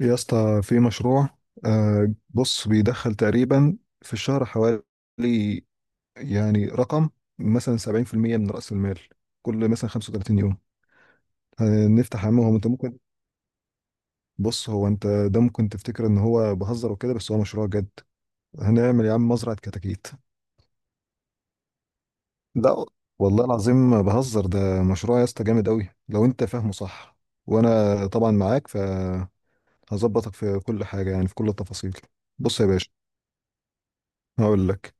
يا اسطى، في مشروع. بص، بيدخل تقريبا في الشهر حوالي، يعني رقم، مثلا 70% من رأس المال كل مثلا 35 يوم. هنفتح عمهم، انت ممكن... بص، هو انت ده ممكن تفتكر ان هو بهزر وكده، بس هو مشروع جد. هنعمل يا عم مزرعة كتاكيت. لا، والله العظيم ما بهزر، ده مشروع يا اسطى جامد قوي لو انت فاهمه صح. وانا طبعا معاك، فهظبطك في كل حاجة، يعني في كل التفاصيل. بص يا باشا، هقول لك.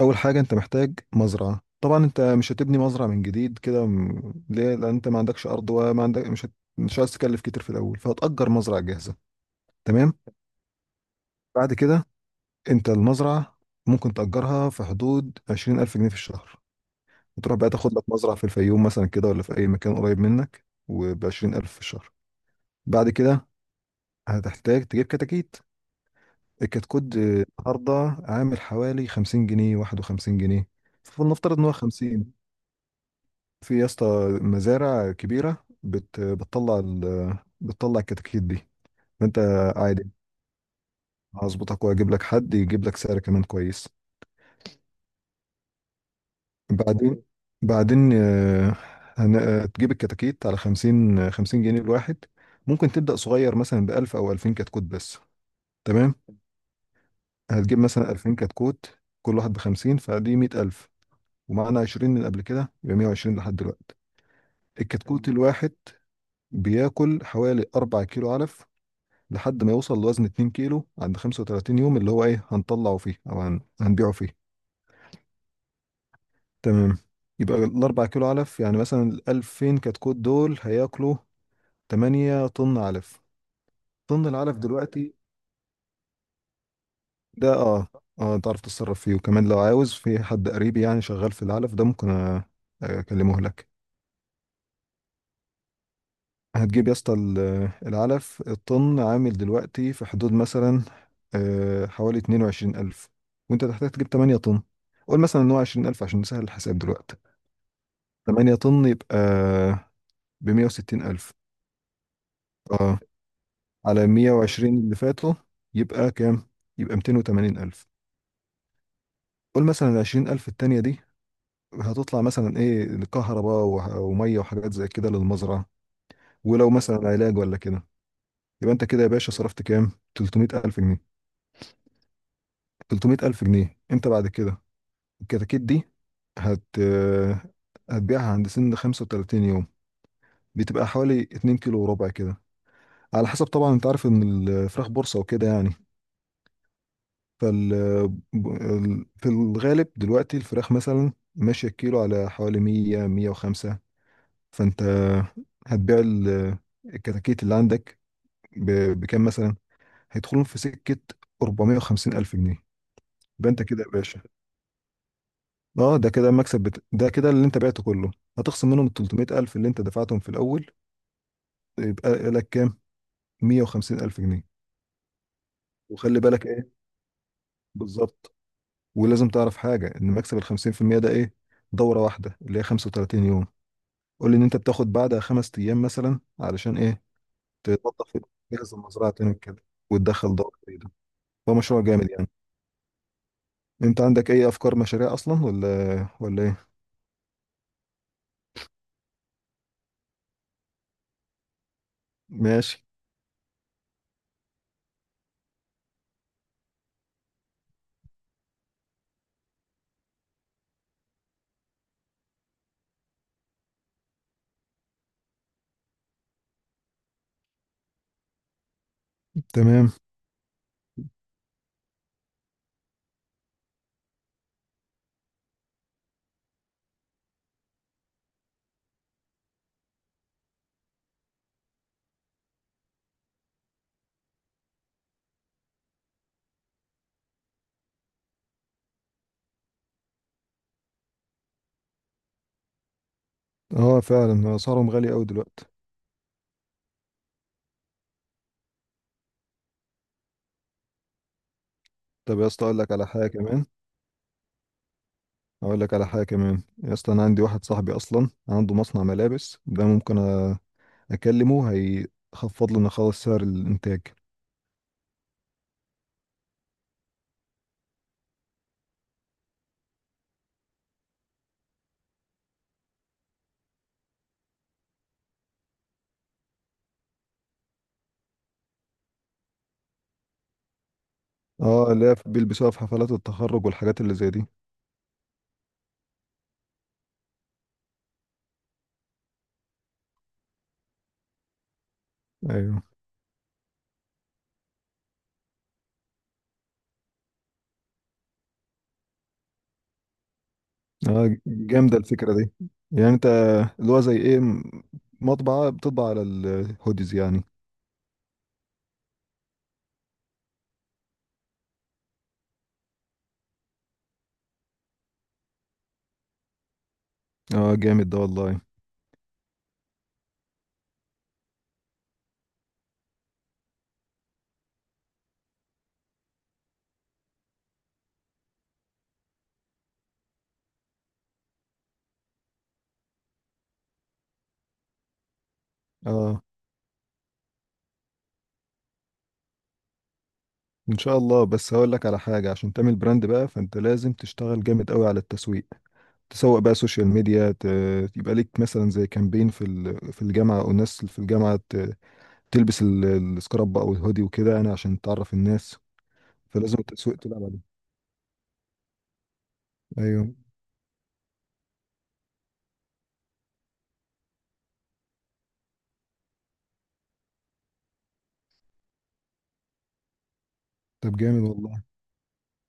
اول حاجه انت محتاج مزرعه، طبعا انت مش هتبني مزرعه من جديد كده، ليه؟ لان انت ما عندكش ارض وما عندك، مش عايز تكلف كتير في الاول، فهتأجر مزرعه جاهزه. تمام. بعد كده، انت المزرعه ممكن تأجرها في حدود 20,000 جنيه في الشهر. وتروح بقى تاخد لك مزرعه في الفيوم مثلا كده ولا في اي مكان قريب منك، وب 20,000 في الشهر. بعد كده هتحتاج تجيب كتاكيت. الكتكوت النهارده عامل حوالي 50 جنيه، 51 جنيه. فلنفترض ان هو 50. في يا اسطى مزارع كبيرة بتطلع الكتاكيت دي. فانت عادي، هظبطك واجيب لك حد يجيب لك سعر كمان كويس. بعدين بعدين، هن... آه، تجيب الكتاكيت على خمسين، خمسين جنيه الواحد. ممكن تبدأ صغير مثلا ب1000 أو 2000 كتكوت بس. تمام. هتجيب مثلا 2000 كتكوت، كل واحد بخمسين، فدي 100,000. ومعانا عشرين من قبل كده، يبقى 120 لحد دلوقتي. الكتكوت الواحد بياكل حوالي 4 كيلو علف لحد ما يوصل لوزن 2 كيلو عند 35 يوم، اللي هو ايه، هنطلعه فيه او هنبيعه فيه. تمام. يبقى ال4 كيلو علف، يعني مثلا ال2000 كتكوت دول هياكلوا 8 طن علف. طن العلف دلوقتي ده، اه. اه تعرف تتصرف فيه، وكمان لو عاوز في حد قريب يعني شغال في العلف ده، ممكن أ- أكلمه لك. هتجيب يا اسطى العلف، الطن عامل دلوقتي في حدود مثلا حوالي 22,000. وانت هتحتاج تجيب 8 طن. قول مثلا ان هو 20,000 عشان نسهل الحساب دلوقتي. 8 طن يبقى ب 160,000. اه، على 120 اللي فاتوا، يبقى كام؟ يبقى 280,000. قول مثلا ال 20,000 التانية دي هتطلع مثلا ايه، كهرباء وه- ومية وحاجات زي كده للمزرعة، ولو مثلا علاج ولا كده. يبقى انت كده يا باشا صرفت كام؟ 300,000 جنيه. 300 ألف جنيه. أنت بعد كده الكتاكيت دي هت هتبيعها عند سن 35 يوم، بتبقى حوالي 2 كيلو وربع كده، على حسب طبعا، أنت عارف إن الفراخ بورصة وكده يعني. فال في الغالب دلوقتي الفراخ مثلا ماشية الكيلو على حوالي 100، 105. فأنت هتبيع الكتاكيت اللي عندك بكام مثلا؟ هيدخلهم في سكة 450 ألف جنيه. يبقى أنت كده يا باشا، اه، ده كده المكسب ده كده اللي انت بعته كله. هتخصم منهم ال 300,000 اللي انت دفعتهم في الاول، يبقى لك كام؟ 150,000 جنيه. وخلي بالك ايه؟ بالظبط. ولازم تعرف حاجه، ان مكسب ال 50% ده ايه؟ دوره واحده اللي هي 35 يوم. قول لي ان انت بتاخد بعدها 5 ايام مثلا، علشان ايه؟ تنظف، تجهز المزرعه تاني كده، وتدخل دوره جديده. هو مشروع جامد يعني. انت عندك اي افكار مشاريع اصلا، ولا ايه؟ ماشي. تمام. اه فعلا اسعارهم غاليه قوي دلوقتي. طب يا اسطى، اقول لك على حاجه كمان. اقول لك على حاجه كمان يا اسطى، انا عندي واحد صاحبي اصلا عنده مصنع ملابس، ده ممكن أ- اكلمه، هيخفض لنا خالص سعر الانتاج. اه لا، بيلبسوها في حفلات التخرج والحاجات اللي زي دي. ايوه. اه جامده الفكره دي. يعني انت اللي هو زي ايه، مطبعه بتطبع على الهوديز يعني. اه جامد ده والله. اه، ان شاء الله. بس هقول لك على حاجه عشان تعمل براند بقى، فانت لازم تشتغل جامد قوي على التسويق. تسوق بقى سوشيال ميديا. يبقى ليك مثلا زي كامبين في الجامعه، او الناس في الجامعه تلبس السكراب او الهودي وكده يعني عشان تعرف الناس. فلازم التسويق تلعب عليه. ايوه. طب جامد والله،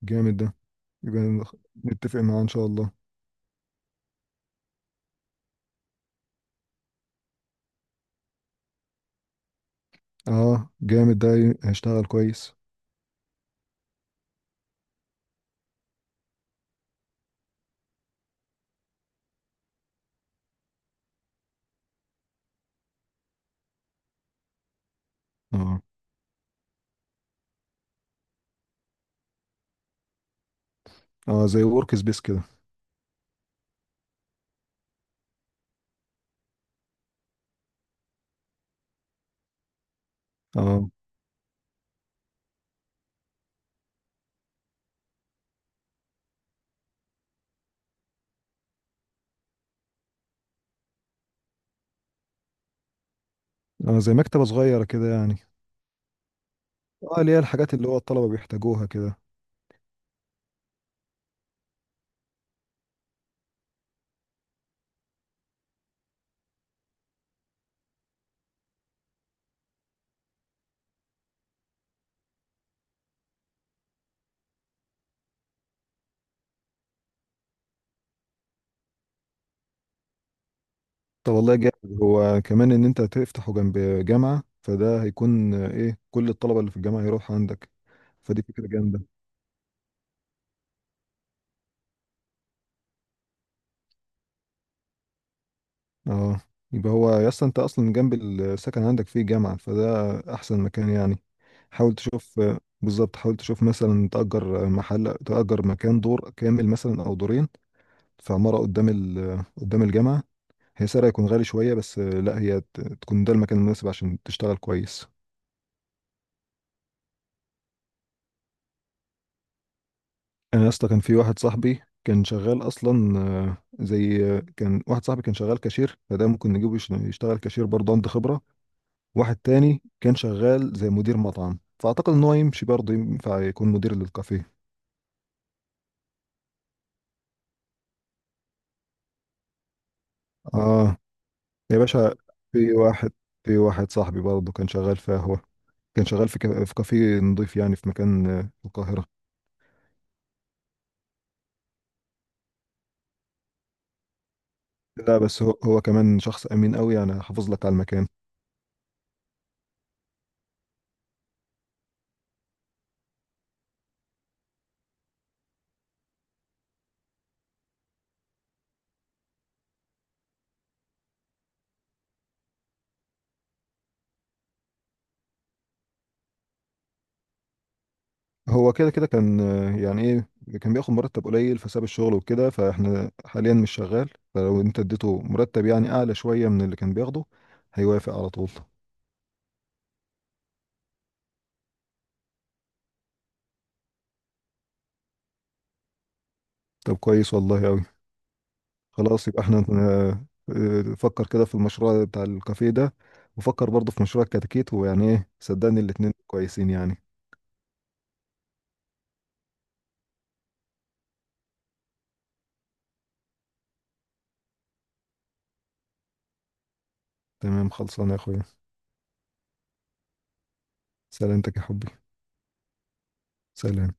جامد ده. يبقى نتفق معاه ان شاء الله. اه جامد ده، هيشتغل كويس. اه. اه زي ورك سبيس كده. اه. اه زي مكتبه صغيره كده يعني. اه، اللي هي الحاجات اللي هو الطلبه بيحتاجوها كده. طب والله جامد، هو كمان ان انت تفتحه جنب جامعة، فده هيكون ايه، كل الطلبة اللي في الجامعة يروحوا عندك. فدي فكرة جامدة. اه، يبقى هو يا اسطى انت اصلا جنب السكن عندك فيه جامعة، فده احسن مكان يعني. حاول تشوف، بالظبط. حاول تشوف مثلا تأجر محل، تأجر مكان، دور كامل مثلا او دورين في عمارة قدام ال... آه، قدام الجامعة. هي سعرها يكون غالي شوية، بس لا، هي تكون ده المكان المناسب عشان تشتغل كويس. انا يا اسطى كان في واحد صاحبي كان شغال اصلا، زي، كان واحد صاحبي كان شغال كاشير، فده ممكن نجيبه يشتغل كاشير برضه، عنده خبره. واحد تاني كان شغال زي مدير مطعم، فاعتقد ان هو يمشي برضه، ينفع يكون مدير للكافيه. اه. يا باشا، في واحد في واحد صاحبي برضه كان شغال في قهوه، كان شغال في كافيه نضيف يعني، في مكان في القاهره. لا بس هو كمان شخص امين قوي يعني، حافظ لك على المكان. هو كده كده كان يعني ايه، كان بياخد مرتب قليل فساب الشغل وكده، فاحنا حاليا مش شغال، فلو انت اديته مرتب يعني اعلى شوية من اللي كان بياخده، هيوافق على طول. طب كويس والله اوي. خلاص، يبقى احنا فكر كده في المشروع بتاع الكافيه ده، وفكر برضه في مشروع الكتاكيت، ويعني ايه، صدقني الاتنين كويسين يعني. تمام. خلصانه يا اخويا. سلامتك يا حبي. سلام.